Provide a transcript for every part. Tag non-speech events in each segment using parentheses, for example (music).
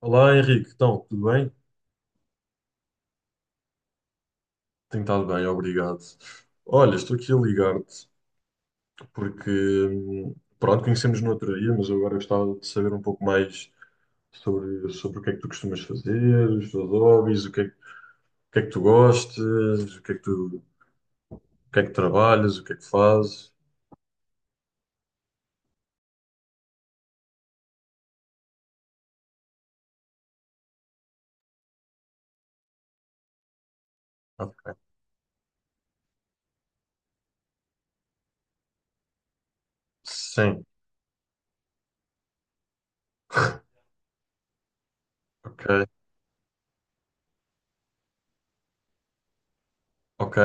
Olá Henrique, então, tudo bem? Tenho estado bem, obrigado. Olha, estou aqui a ligar-te porque, hum, pronto, conhecemos no outro dia, mas eu agora gostava de saber um pouco mais sobre o que é que tu costumas fazer, os teus hobbies, o que é, que o que é que tu gostas, o que é que tu, o que é que trabalhas, o que é que fazes. Ok. Sim, ok, ok.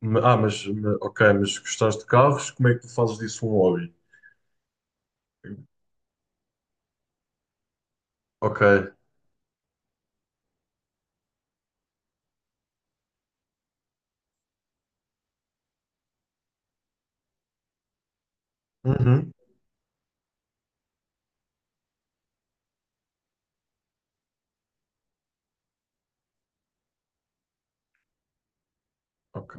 Ok, mas gostaste de carros, como é que tu fazes disso um hobby? Ok. Uhum. Ok.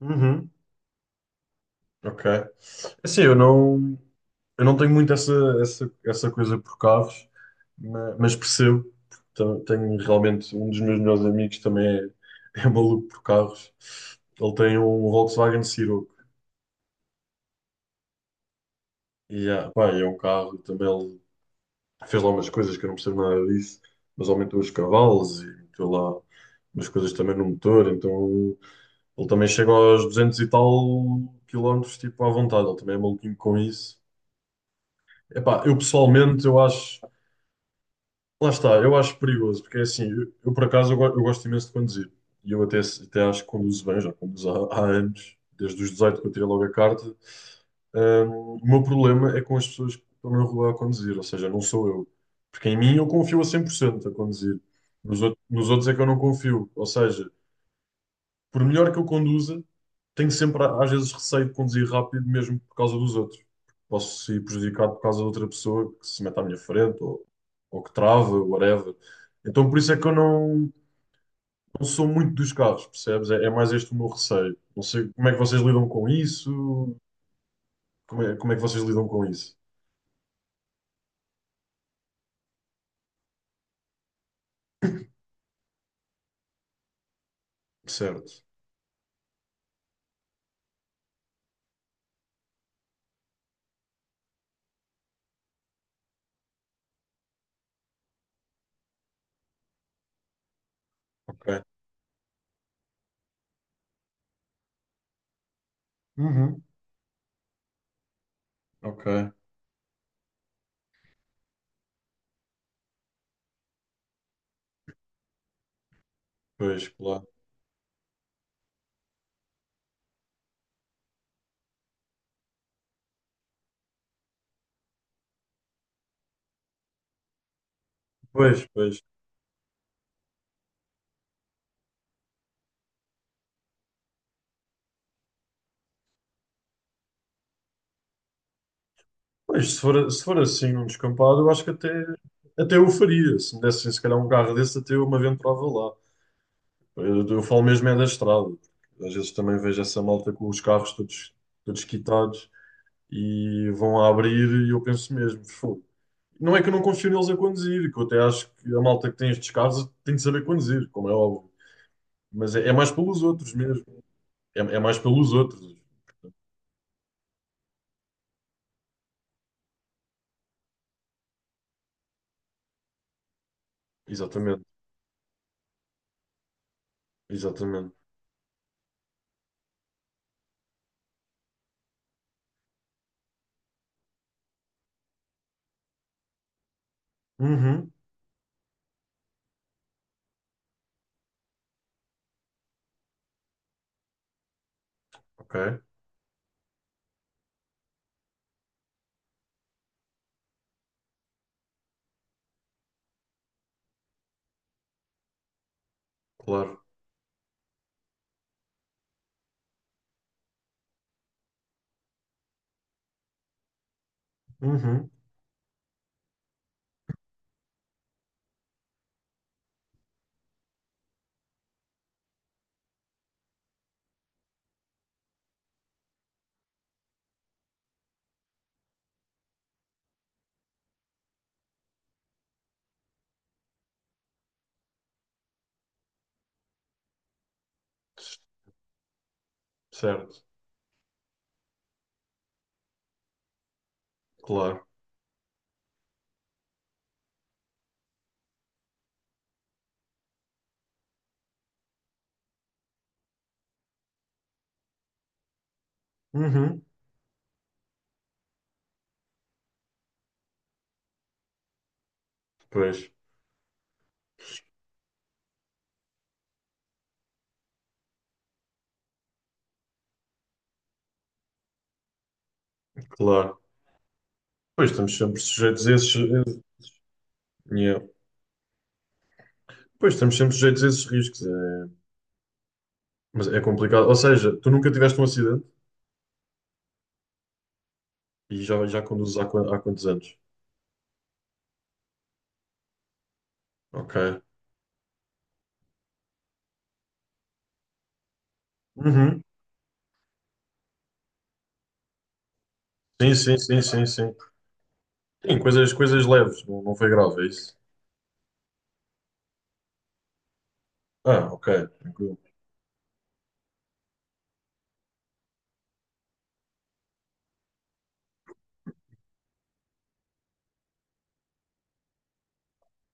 Uhum. Ok. É assim, eu não tenho muito essa coisa por carros, mas percebo. Então, tenho realmente um dos meus melhores amigos também é, (laughs) é maluco por carros. Ele tem um Volkswagen Ciroc. E ah, pá, é um carro também. Ele fez lá umas coisas que eu não percebo nada disso, mas aumentou os cavalos e meteu lá umas coisas também no motor. Então ele também chega aos 200 e tal quilómetros, tipo à vontade. Ele também é maluquinho com isso. Epá, eu pessoalmente eu acho. Lá está, eu acho perigoso, porque é assim, eu, por acaso eu gosto imenso de conduzir. E eu até, até acho que conduzo bem, já conduzo há anos, desde os 18 que eu tirei logo a carta. O meu problema é com as pessoas que estão na rua a conduzir, ou seja, não sou eu. Porque em mim eu confio a 100% a conduzir. Nos outros é que eu não confio. Ou seja, por melhor que eu conduza, tenho sempre, às vezes, receio de conduzir rápido, mesmo por causa dos outros. Posso ser prejudicado por causa de outra pessoa que se mete à minha frente, ou que trava, whatever. Então, por isso é que eu não sou muito dos carros, percebes? É, é mais este o meu receio. Não sei como é que vocês lidam com isso, como é que vocês lidam com isso. Certo, ok. Uhum. Ok, pois, claro. Pois, pois. Pois, se for assim num descampado, eu acho que até eu faria. Se me dessem, se calhar, um carro desse, até eu me aventurava lá. Eu falo mesmo é da estrada. Às vezes também vejo essa malta com os carros todos, todos quitados e vão a abrir e eu penso mesmo, fogo. Não é que eu não confio neles a conduzir, que eu até acho que a malta que tem estes carros tem de saber conduzir, como é óbvio. Mas é, é mais pelos outros mesmo. É, é mais pelos outros. Exatamente, exatamente. Uhum, ok, claro. Uhum, certo. Claro. Uhum. Pois, claro. Pois estamos sempre sujeitos a esses. Yeah. Pois estamos sempre sujeitos a esses riscos. É... Mas é complicado. Ou seja, tu nunca tiveste um acidente e já, já conduzes há, há quantos anos? Ok. Uhum. Sim, sim, sim, sim, sim. Sim, coisas leves, não, não foi grave, é isso? Ah, ok, tranquilo.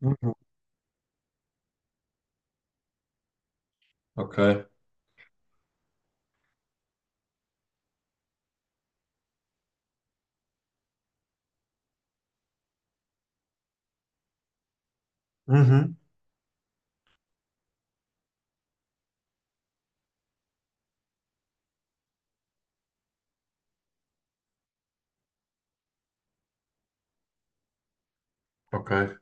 Uhum. Ok. Uhum. Ok.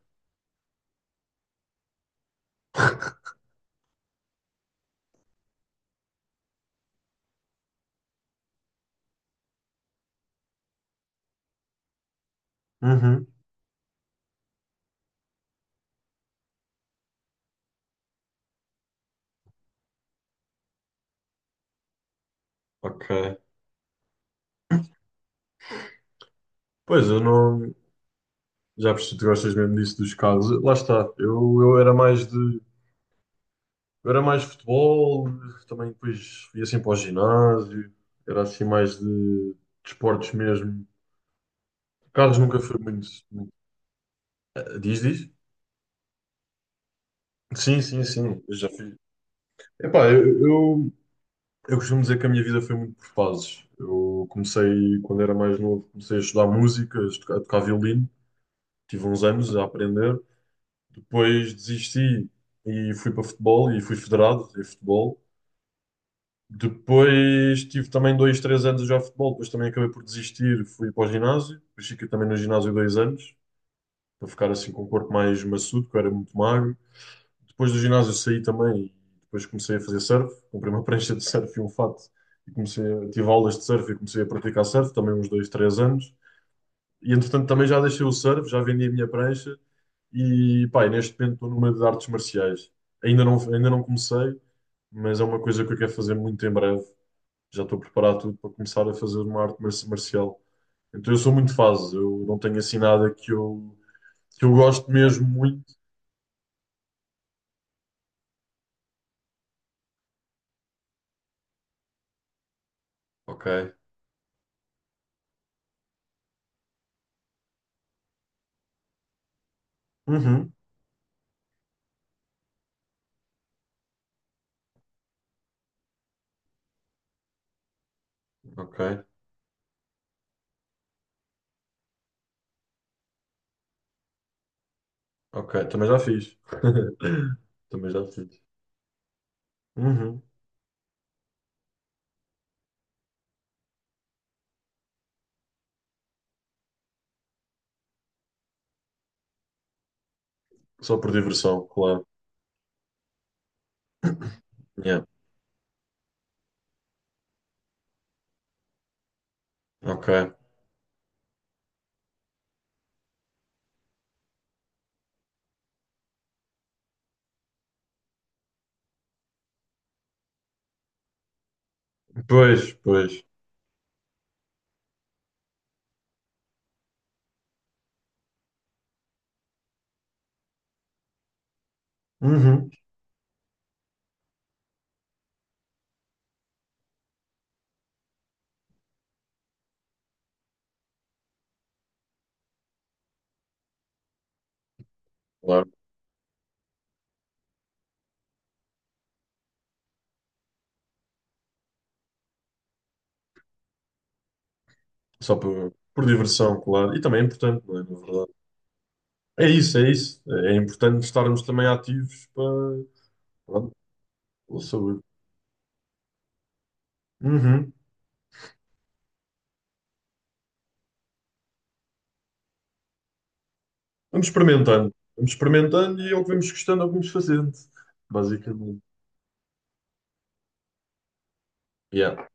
Uhum. Ok. Pois eu não. Já percebi que tu gostas mesmo disso dos carros. Lá está. Eu era mais de. Eu era mais futebol, também depois ia assim para o ginásio, era assim mais de, esportes mesmo. Carlos nunca foi muito. Ah, Diz, diz? Sim, sim, sim, eu já fui. Epá, eu costumo dizer que a minha vida foi muito por fases. Eu comecei, quando era mais novo, comecei a estudar música, a tocar violino, tive uns anos a aprender. Depois desisti e fui para futebol e fui federado em futebol. Depois tive também dois, três anos a jogar futebol, depois também acabei por desistir, fui para o ginásio, depois fiquei também no ginásio 2 anos, para ficar assim com o corpo mais maçudo, que eu era muito magro. Depois do ginásio saí também e depois comecei a fazer surf, comprei uma (laughs) prancha de surf e um fato, e comecei a, tive aulas de surf e comecei a praticar surf, também uns dois, três anos. E entretanto também já deixei o surf, já vendi a minha prancha e pá, e neste momento estou numa de artes marciais. Ainda não comecei, mas é uma coisa que eu quero fazer muito em breve já estou preparado tudo para começar a fazer uma arte marcial. Então eu sou muito fase, eu não tenho assim nada que eu gosto mesmo muito. Ok, Uhum, ok, ok. Também já fiz. (laughs) Também já fiz. Uhum. Só por diversão, claro. Yeah. Ok. Pois, pois. Uhum. Claro. Só por diversão, claro. E também é importante, não é? Na verdade. É isso, é isso. É importante estarmos também ativos para, pronto, pela saúde. Uhum. Vamos experimentando. Vamos experimentando e é o que vamos gostando, é o que vamos fazendo. Basicamente. Yeah.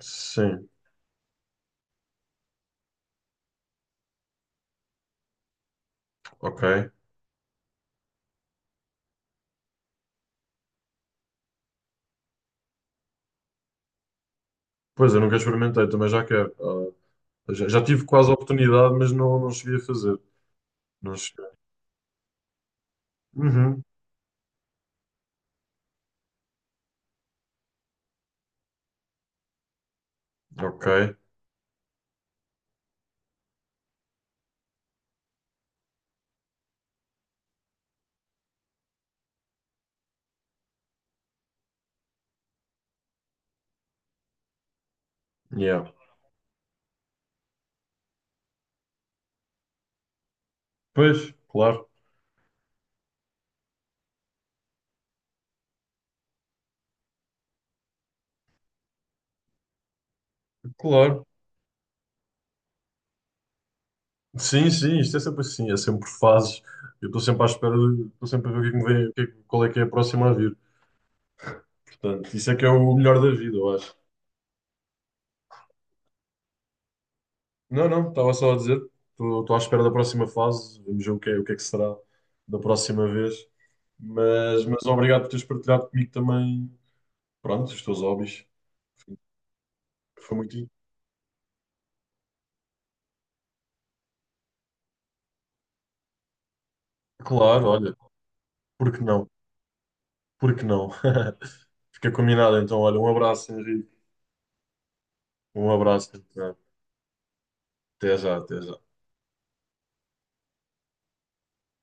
Sim, ok. Pois, eu nunca experimentei, também já quero. Ah, já tive quase a oportunidade, mas não cheguei a fazer. Não cheguei. Uhum. Ok. Yeah. Pois, claro. Claro. Sim, sim, isto é sempre assim, é sempre fases. Eu estou sempre à espera, estou sempre a ver o que é que me vem, o que é que- qual é que é a próxima a vir. Portanto, isso é que é o melhor da vida, eu acho. Não, não, estava só a dizer, estou à espera da próxima fase, vamos ver o que é que será da próxima vez. Mas obrigado por teres partilhado comigo também, pronto, os teus hobbies. Foi muito. Claro, olha, por que não? Por que não? (laughs) Fica combinado então, olha, um abraço, Henrique. Um abraço. Até já, até já.